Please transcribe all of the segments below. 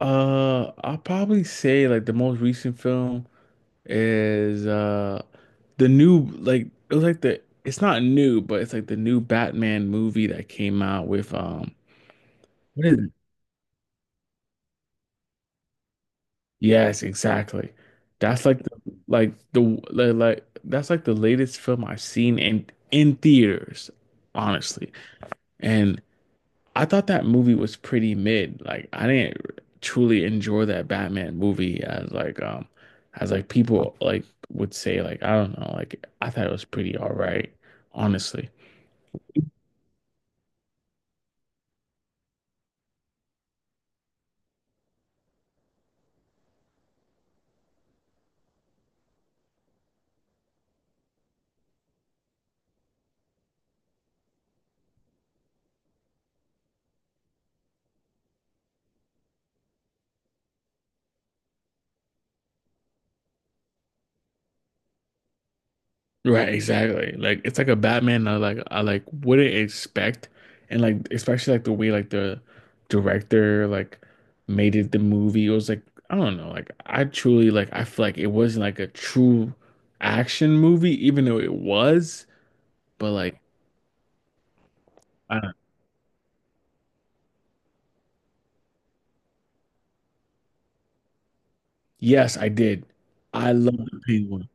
I'll probably say like the most recent film is the new like it was like the it's not new but it's like the new Batman movie that came out with what is it? Yes, exactly. That's like the like the like that's like the latest film I've seen in theaters, honestly. And I thought that movie was pretty mid. Like I didn't truly enjoy that Batman movie as like people like would say like I don't know like I thought it was pretty all right honestly. Right, exactly. Like it's like a Batman I like wouldn't expect and like especially like the way like the director like made it the movie. It was like I don't know like I truly like I feel like it wasn't like a true action movie even though it was but like. I Yes, I did. I love the penguin.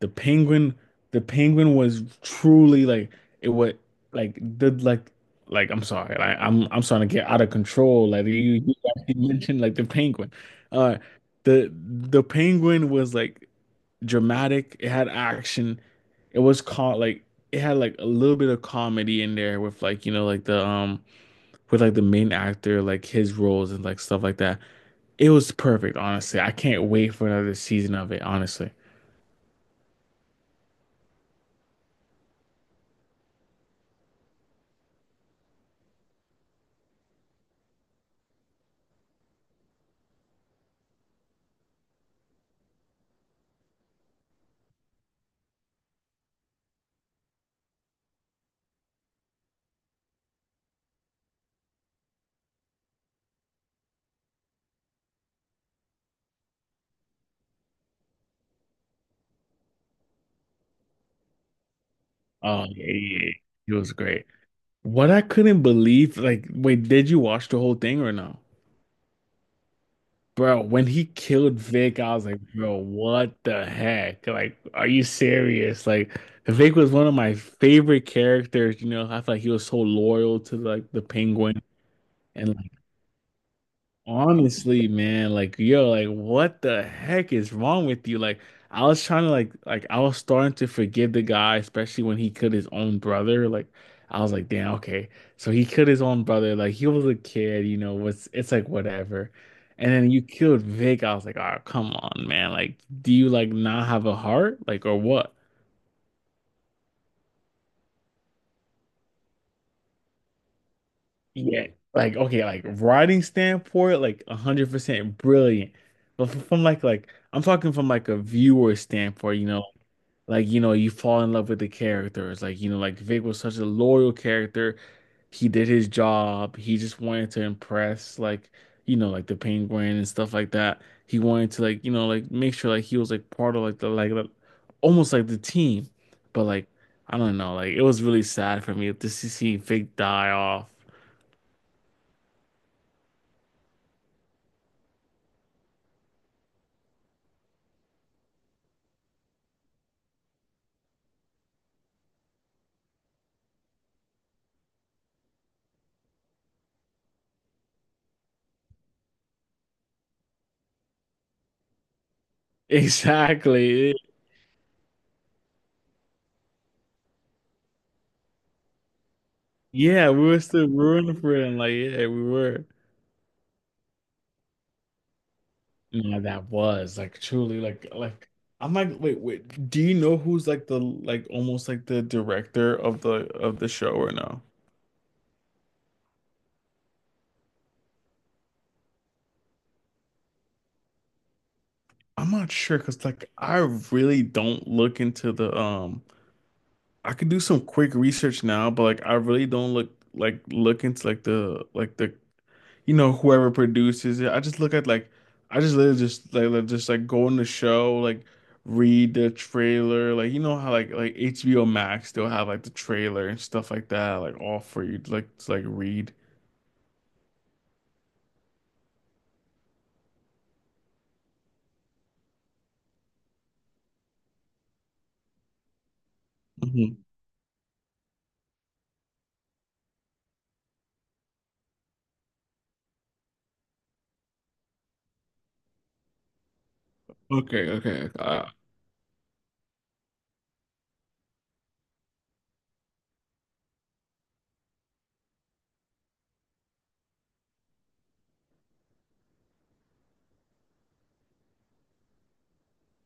The penguin, the penguin was truly like it was like the like I'm sorry, like I'm starting to get out of control. Like you actually mentioned like the penguin. Uh the penguin was like dramatic. It had action. It was caught like it had like a little bit of comedy in there with like you know like the with like the main actor like his roles and like stuff like that. It was perfect, honestly. I can't wait for another season of it, honestly. Oh, yeah, yeah, yeah. It was great. What I couldn't believe, like, wait, did you watch the whole thing or no? Bro, when he killed Vic, I was like, bro, what the heck? Like, are you serious? Like, Vic was one of my favorite characters, you know. I felt like he was so loyal to like the Penguin and Honestly, man, like yo, like what the heck is wrong with you? Like I was trying to like I was starting to forgive the guy, especially when he killed his own brother. Like I was like, damn, okay. So he killed his own brother. Like he was a kid, you know, was it's like whatever. And then you killed Vic. I was like, oh, come on, man. Like, do you like not have a heart? Like, or what? Yeah. Like, okay, like writing standpoint, like 100% brilliant. But from like I'm talking from like a viewer standpoint, you know, like you know you fall in love with the characters like you know like Vic was such a loyal character he did his job he just wanted to impress like you know like the Penguin and stuff like that he wanted to like you know like make sure like he was like part of like the like the, almost like the team but like I don't know like it was really sad for me to see Vic die off exactly yeah we were still rooting for him like yeah we were Yeah, that was like truly like I'm like wait, do you know who's like the like almost like the director of the show or no? I'm not sure because like I really don't look into the I could do some quick research now but like I really don't look like look into like the you know, whoever produces it. I just look at like I just literally just like, just like go on the show, like read the trailer. Like you know how like HBO Max still have like the trailer and stuff like that, like all for you to, like read. Mhm. Okay, okay.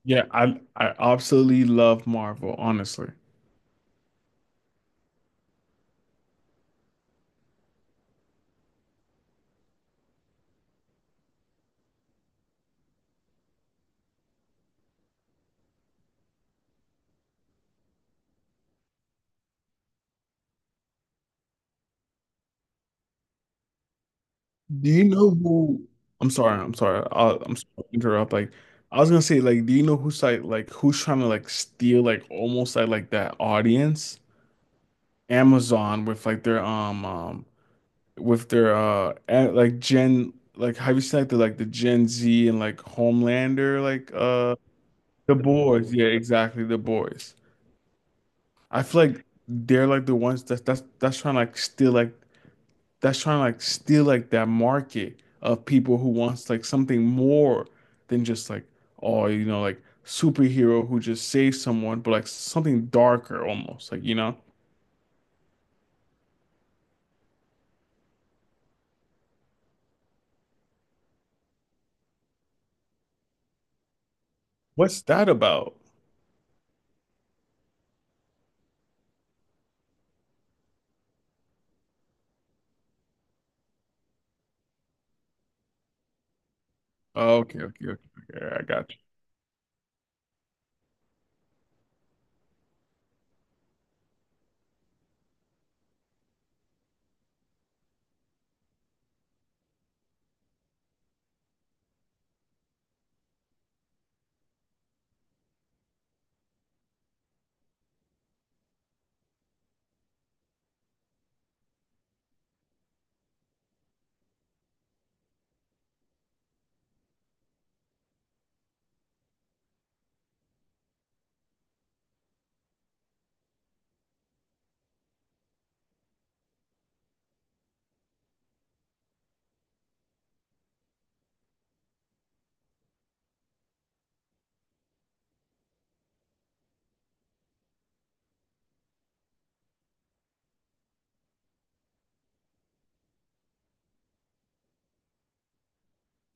Yeah, I absolutely love Marvel, honestly. Do you know who? I'm sorry, I'm sorry to interrupt. Like, I was gonna say, like, do you know who's like, who's trying to like steal, like, almost like that audience? Amazon with like their with their like Gen like have you seen like the Gen Z and like Homelander like The Boys. Yeah, exactly, The Boys. I feel like they're like the ones that that's trying to like steal like that's trying to like steal like that market of people who wants like something more than just like oh you know like superhero who just saves someone but like something darker almost like you know what's that about? Oh, okay, okay, okay. Okay, I got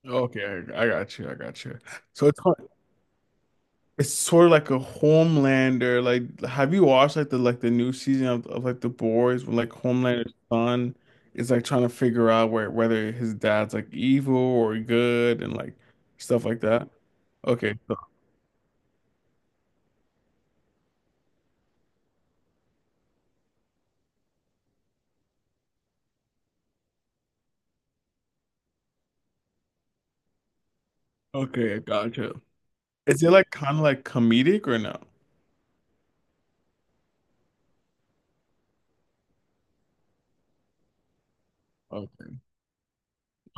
you. Okay, I got you. I got you. So it's kind- it's sort of like a Homelander. Like, have you watched like the new season of like The Boys when like Homelander's son is like trying to figure out where whether his dad's like evil or good and like stuff like that? Okay, so- okay, I got you. Is it like kind of like comedic or no? Okay,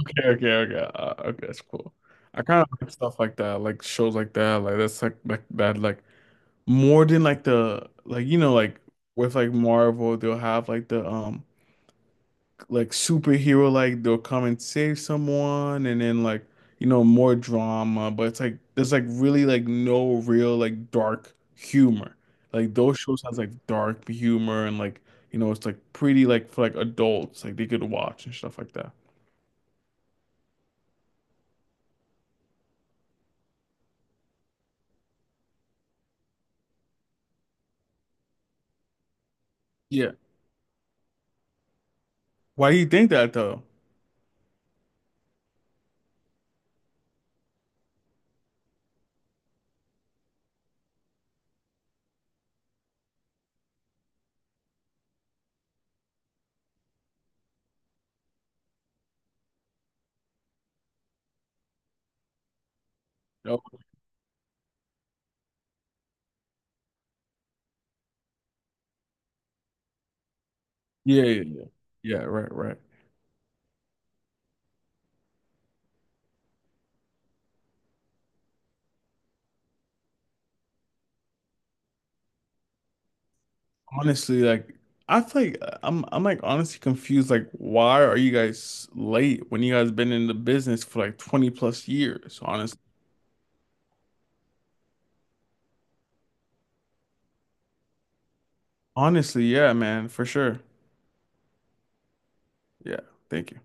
okay, okay, okay. Okay, that's cool. I kind of like stuff like that, like shows like that, like that's like that, like more than like the like you know like with like Marvel they'll have like the like superhero like they'll come and save someone and then like you know more drama but it's like there's like really like no real like dark humor like those shows has like dark humor and like you know it's like pretty like for like adults like they could watch and stuff like that Yeah. Why do you think that though? Oh, yeah, yeah, yeah. Yeah, right, right. Honestly, like I feel like I'm like honestly confused. Like, why are you guys late when you guys been in the business for like 20 plus years? Honest, honestly, yeah, man, for sure. Yeah, thank you.